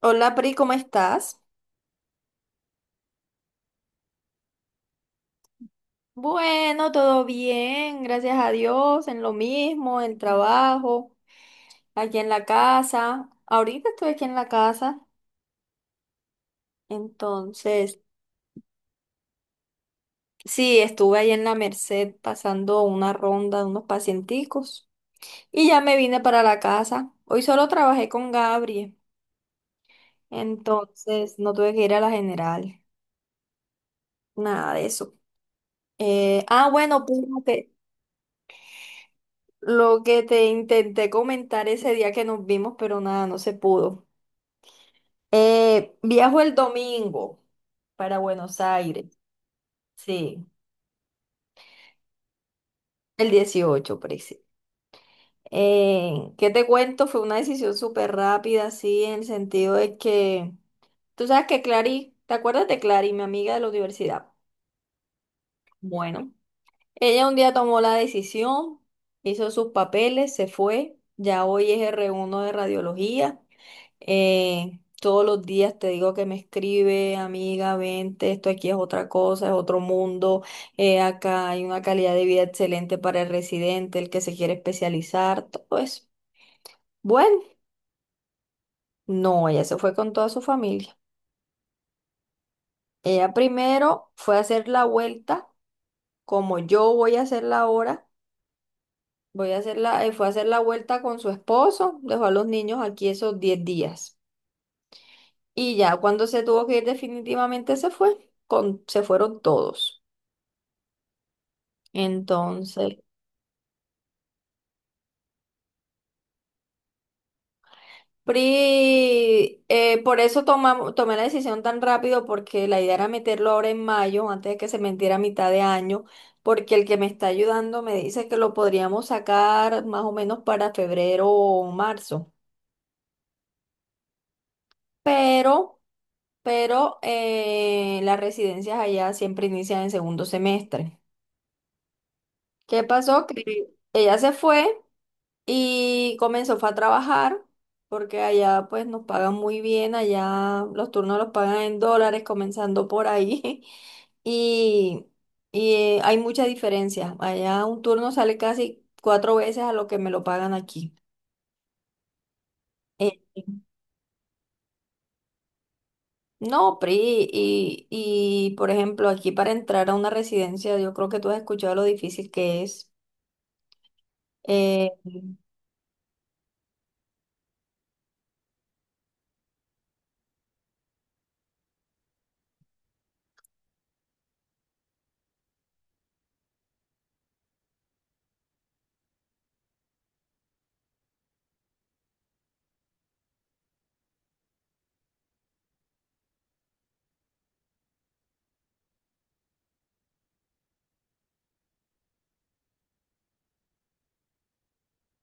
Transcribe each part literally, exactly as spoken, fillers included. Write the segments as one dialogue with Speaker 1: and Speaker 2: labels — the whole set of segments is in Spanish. Speaker 1: Hola, Pri, ¿cómo estás? Bueno, todo bien, gracias a Dios, en lo mismo, en el trabajo, aquí en la casa. Ahorita estoy aquí en la casa, entonces, sí, estuve ahí en la Merced pasando una ronda de unos pacienticos y ya me vine para la casa. Hoy solo trabajé con Gabriel, entonces no tuve que ir a la general, nada de eso. Eh, ah, bueno, pues, lo que te intenté comentar ese día que nos vimos, pero nada, no se pudo. Eh, viajo el domingo para Buenos Aires, sí, el dieciocho, preci. Eh, ¿qué te cuento? Fue una decisión súper rápida, sí, en el sentido de que tú sabes que Clary, ¿te acuerdas de Clary, mi amiga de la universidad? Bueno, ella un día tomó la decisión, hizo sus papeles, se fue. Ya hoy es R uno de radiología. Eh, todos los días te digo que me escribe, amiga, vente, esto aquí es otra cosa, es otro mundo. eh, acá hay una calidad de vida excelente para el residente, el que se quiere especializar, todo eso. Bueno, no, ella se fue con toda su familia. Ella primero fue a hacer la vuelta, como yo voy a hacerla ahora. Voy a hacer la, eh, fue a hacer la vuelta con su esposo, dejó a los niños aquí esos diez días. Y ya cuando se tuvo que ir definitivamente se fue, con, se fueron todos. Entonces, pri- eh, por eso tomamos, tomé la decisión tan rápido, porque la idea era meterlo ahora en mayo, antes de que se metiera a mitad de año, porque el que me está ayudando me dice que lo podríamos sacar más o menos para febrero o marzo. Pero... pero eh, las residencias allá siempre inician en segundo semestre. ¿Qué pasó? Que ella se fue y comenzó fue a trabajar porque allá pues nos pagan muy bien, allá los turnos los pagan en dólares, comenzando por ahí. Y, y, eh, hay mucha diferencia. Allá un turno sale casi cuatro veces a lo que me lo pagan aquí. Eh, No, Pri, y, y por ejemplo, aquí para entrar a una residencia, yo creo que tú has escuchado lo difícil que es. eh,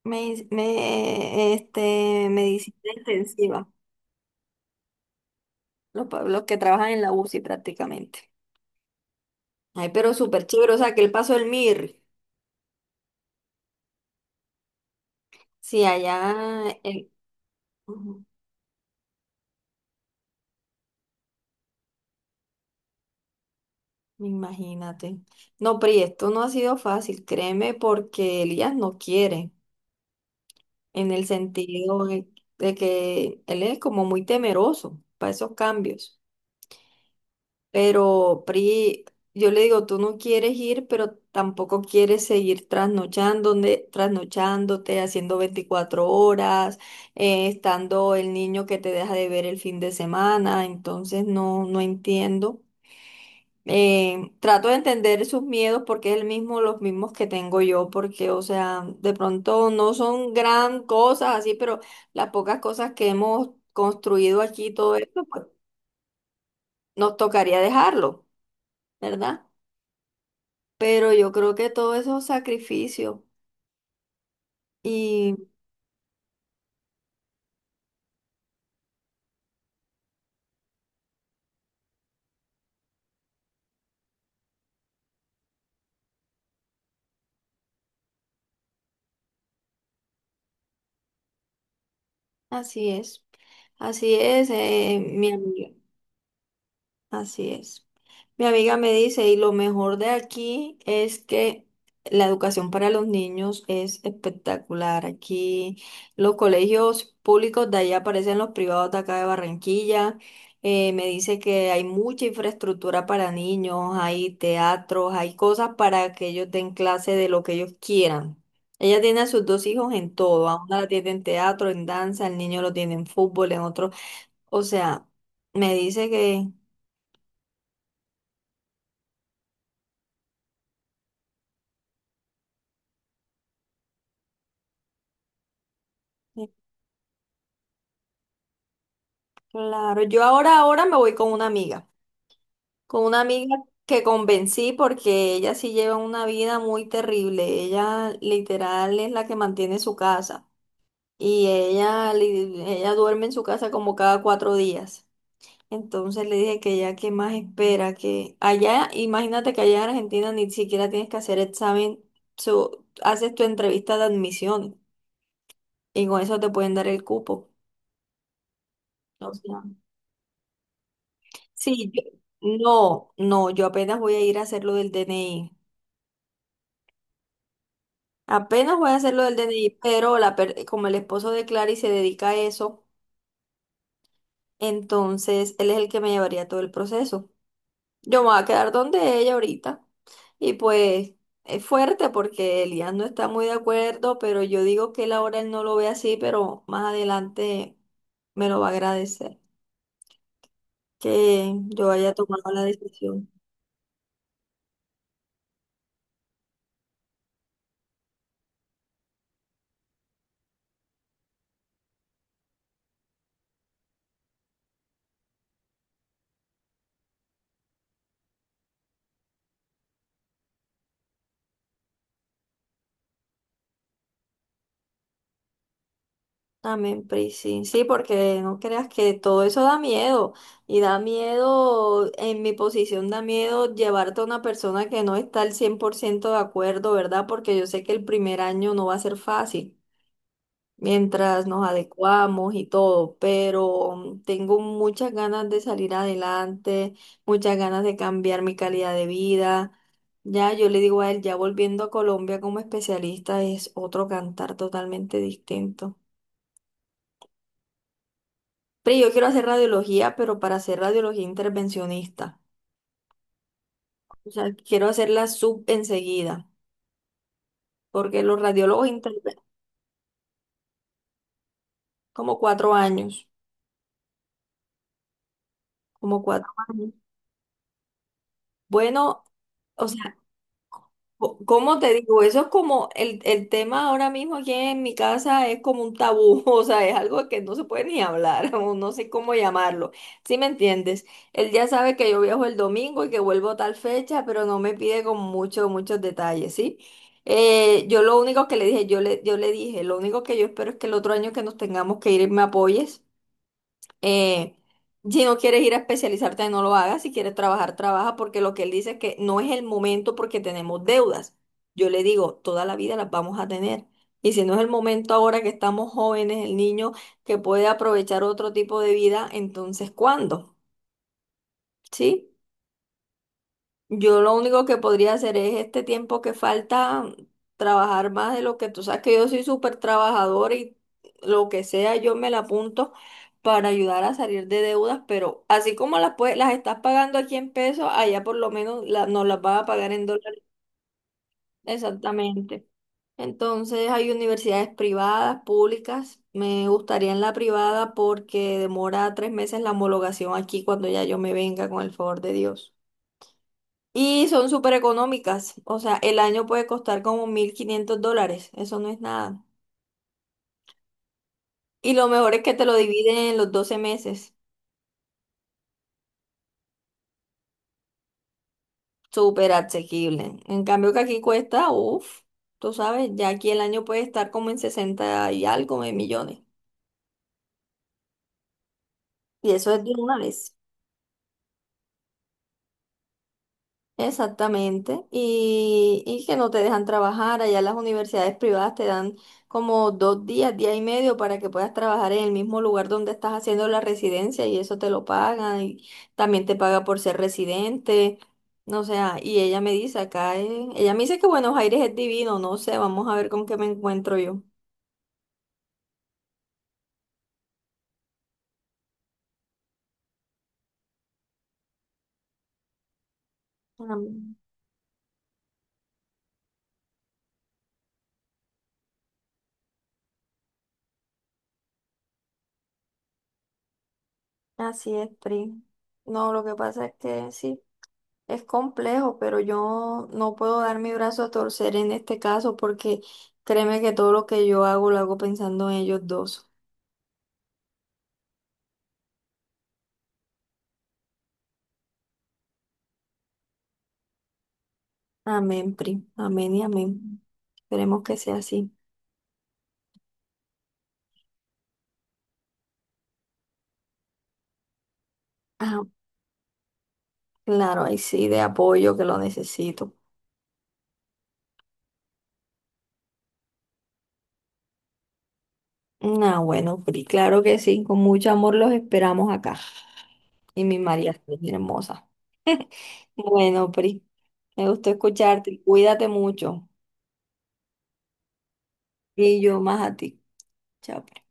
Speaker 1: me, me- este, medicina intensiva, los, pa- los que trabajan en la UCI prácticamente. Ay, pero súper chévere, o sea, que el paso del MIR, si allá, el- ujú, imagínate. No, Pri, esto no ha sido fácil, créeme, porque Elías no quiere. En el sentido de, de que él es como muy temeroso para esos cambios. Pero Pri, yo le digo, tú no quieres ir, pero tampoco quieres seguir trasnochándote, trasnochándote, haciendo veinticuatro horas, eh, estando el niño que te deja de ver el fin de semana. Entonces no, no entiendo. eh, trato de entender sus miedos porque es el mismo, los mismos que tengo yo, porque, o sea, de pronto no son gran cosas así, pero las pocas cosas que hemos construido aquí, todo esto, pues nos tocaría dejarlo, ¿verdad? Pero yo creo que todo eso es sacrificio y así es, así es, eh, mi amiga. Así es. Mi amiga me dice, y lo mejor de aquí es que la educación para los niños es espectacular. Aquí los colegios públicos de allá parecen los privados de acá de Barranquilla. Eh, me dice que hay mucha infraestructura para niños, hay teatros, hay cosas para que ellos den clase de lo que ellos quieran. Ella tiene a sus dos hijos en todo, a una la tiene en teatro, en danza, el niño lo tiene en fútbol, en otro. O sea, me dice que... Claro, yo ahora, ahora me voy con una amiga, con una amiga que convencí porque ella sí lleva una vida muy terrible, ella literal es la que mantiene su casa y ella, li- ella duerme en su casa como cada cuatro días. Entonces le dije que ella qué más espera, que allá, imagínate que allá en Argentina ni siquiera tienes que hacer examen, su- haces tu entrevista de admisión y con eso te pueden dar el cupo. Sí, yo- no, no, yo apenas voy a ir a hacer lo del D N I. Apenas voy a hacer lo del D N I, pero la per- como el esposo de Clary se dedica a eso, entonces él es el que me llevaría todo el proceso. Yo me voy a quedar donde ella ahorita. Y pues es fuerte porque Elías no está muy de acuerdo, pero yo digo que él ahora él no lo ve así, pero más adelante me lo va a agradecer que yo haya tomado la decisión. Amén, Pri, sí, sí, porque no creas que todo eso da miedo y da miedo, en mi posición da miedo llevarte a una persona que no está al cien por ciento de acuerdo, ¿verdad? Porque yo sé que el primer año no va a ser fácil mientras nos adecuamos y todo, pero tengo muchas ganas de salir adelante, muchas ganas de cambiar mi calidad de vida. Ya, yo le digo a él, ya volviendo a Colombia como especialista es otro cantar totalmente distinto. Pero yo quiero hacer radiología, pero para hacer radiología intervencionista. O sea, quiero hacerla sub enseguida, porque los radiólogos interven como cuatro años, como cuatro años. Bueno, o sea, Co- ¿cómo te digo? Eso es como el, el tema ahora mismo aquí en mi casa es como un tabú, o sea, es algo que no se puede ni hablar, o no sé cómo llamarlo. ¿Sí me entiendes? Él ya sabe que yo viajo el domingo y que vuelvo tal fecha, pero no me pide con muchos, muchos detalles, ¿sí? Eh, yo lo único que le dije, yo le, yo le dije, lo único que yo espero es que el otro año que nos tengamos que ir me apoyes. Eh, si no quieres ir a especializarte, no lo hagas. Si quieres trabajar, trabaja, porque lo que él dice es que no es el momento porque tenemos deudas. Yo le digo, toda la vida las vamos a tener. Y si no es el momento ahora que estamos jóvenes, el niño que puede aprovechar otro tipo de vida, entonces ¿cuándo? ¿Sí? Yo lo único que podría hacer es este tiempo que falta, mm, trabajar más de lo que tú sabes que yo soy súper trabajadora y lo que sea yo me la apunto para ayudar a salir de deudas, pero así como las, pue- las estás pagando aquí en pesos, allá por lo menos la- nos las vas a pagar en dólares. Exactamente. Entonces hay universidades privadas, públicas. Me gustaría en la privada porque demora tres meses la homologación aquí cuando ya yo me venga con el favor de Dios. Y son súper económicas. O sea, el año puede costar como mil quinientos dólares. Eso no es nada. Y lo mejor es que te lo dividen en los doce meses. Súper asequible. En cambio que aquí cuesta, uff, tú sabes, ya aquí el año puede estar como en sesenta y algo de millones. Y eso es de una vez. Exactamente, y, y que no te dejan trabajar. Allá las universidades privadas te dan como dos días, día y medio para que puedas trabajar en el mismo lugar donde estás haciendo la residencia y eso te lo pagan y también te paga por ser residente. No sea, y ella me dice acá, eh, ella me dice que Buenos Aires es divino, no sé, vamos a ver con qué me encuentro yo. Am, Así es, Pri. No, lo que pasa es que sí. Es complejo, pero yo no puedo dar mi brazo a torcer en este caso porque créeme que todo lo que yo hago lo hago pensando en ellos dos. Amén, Pri. Amén y amén. Esperemos que sea así. Ah, claro, ahí sí, de apoyo que lo necesito. Ah, bueno, Pri, claro que sí. Con mucho amor los esperamos acá. Y mi María es bien hermosa. Bueno, Pri, me gustó escucharte. Cuídate mucho. Y yo más a ti. Chao, pues.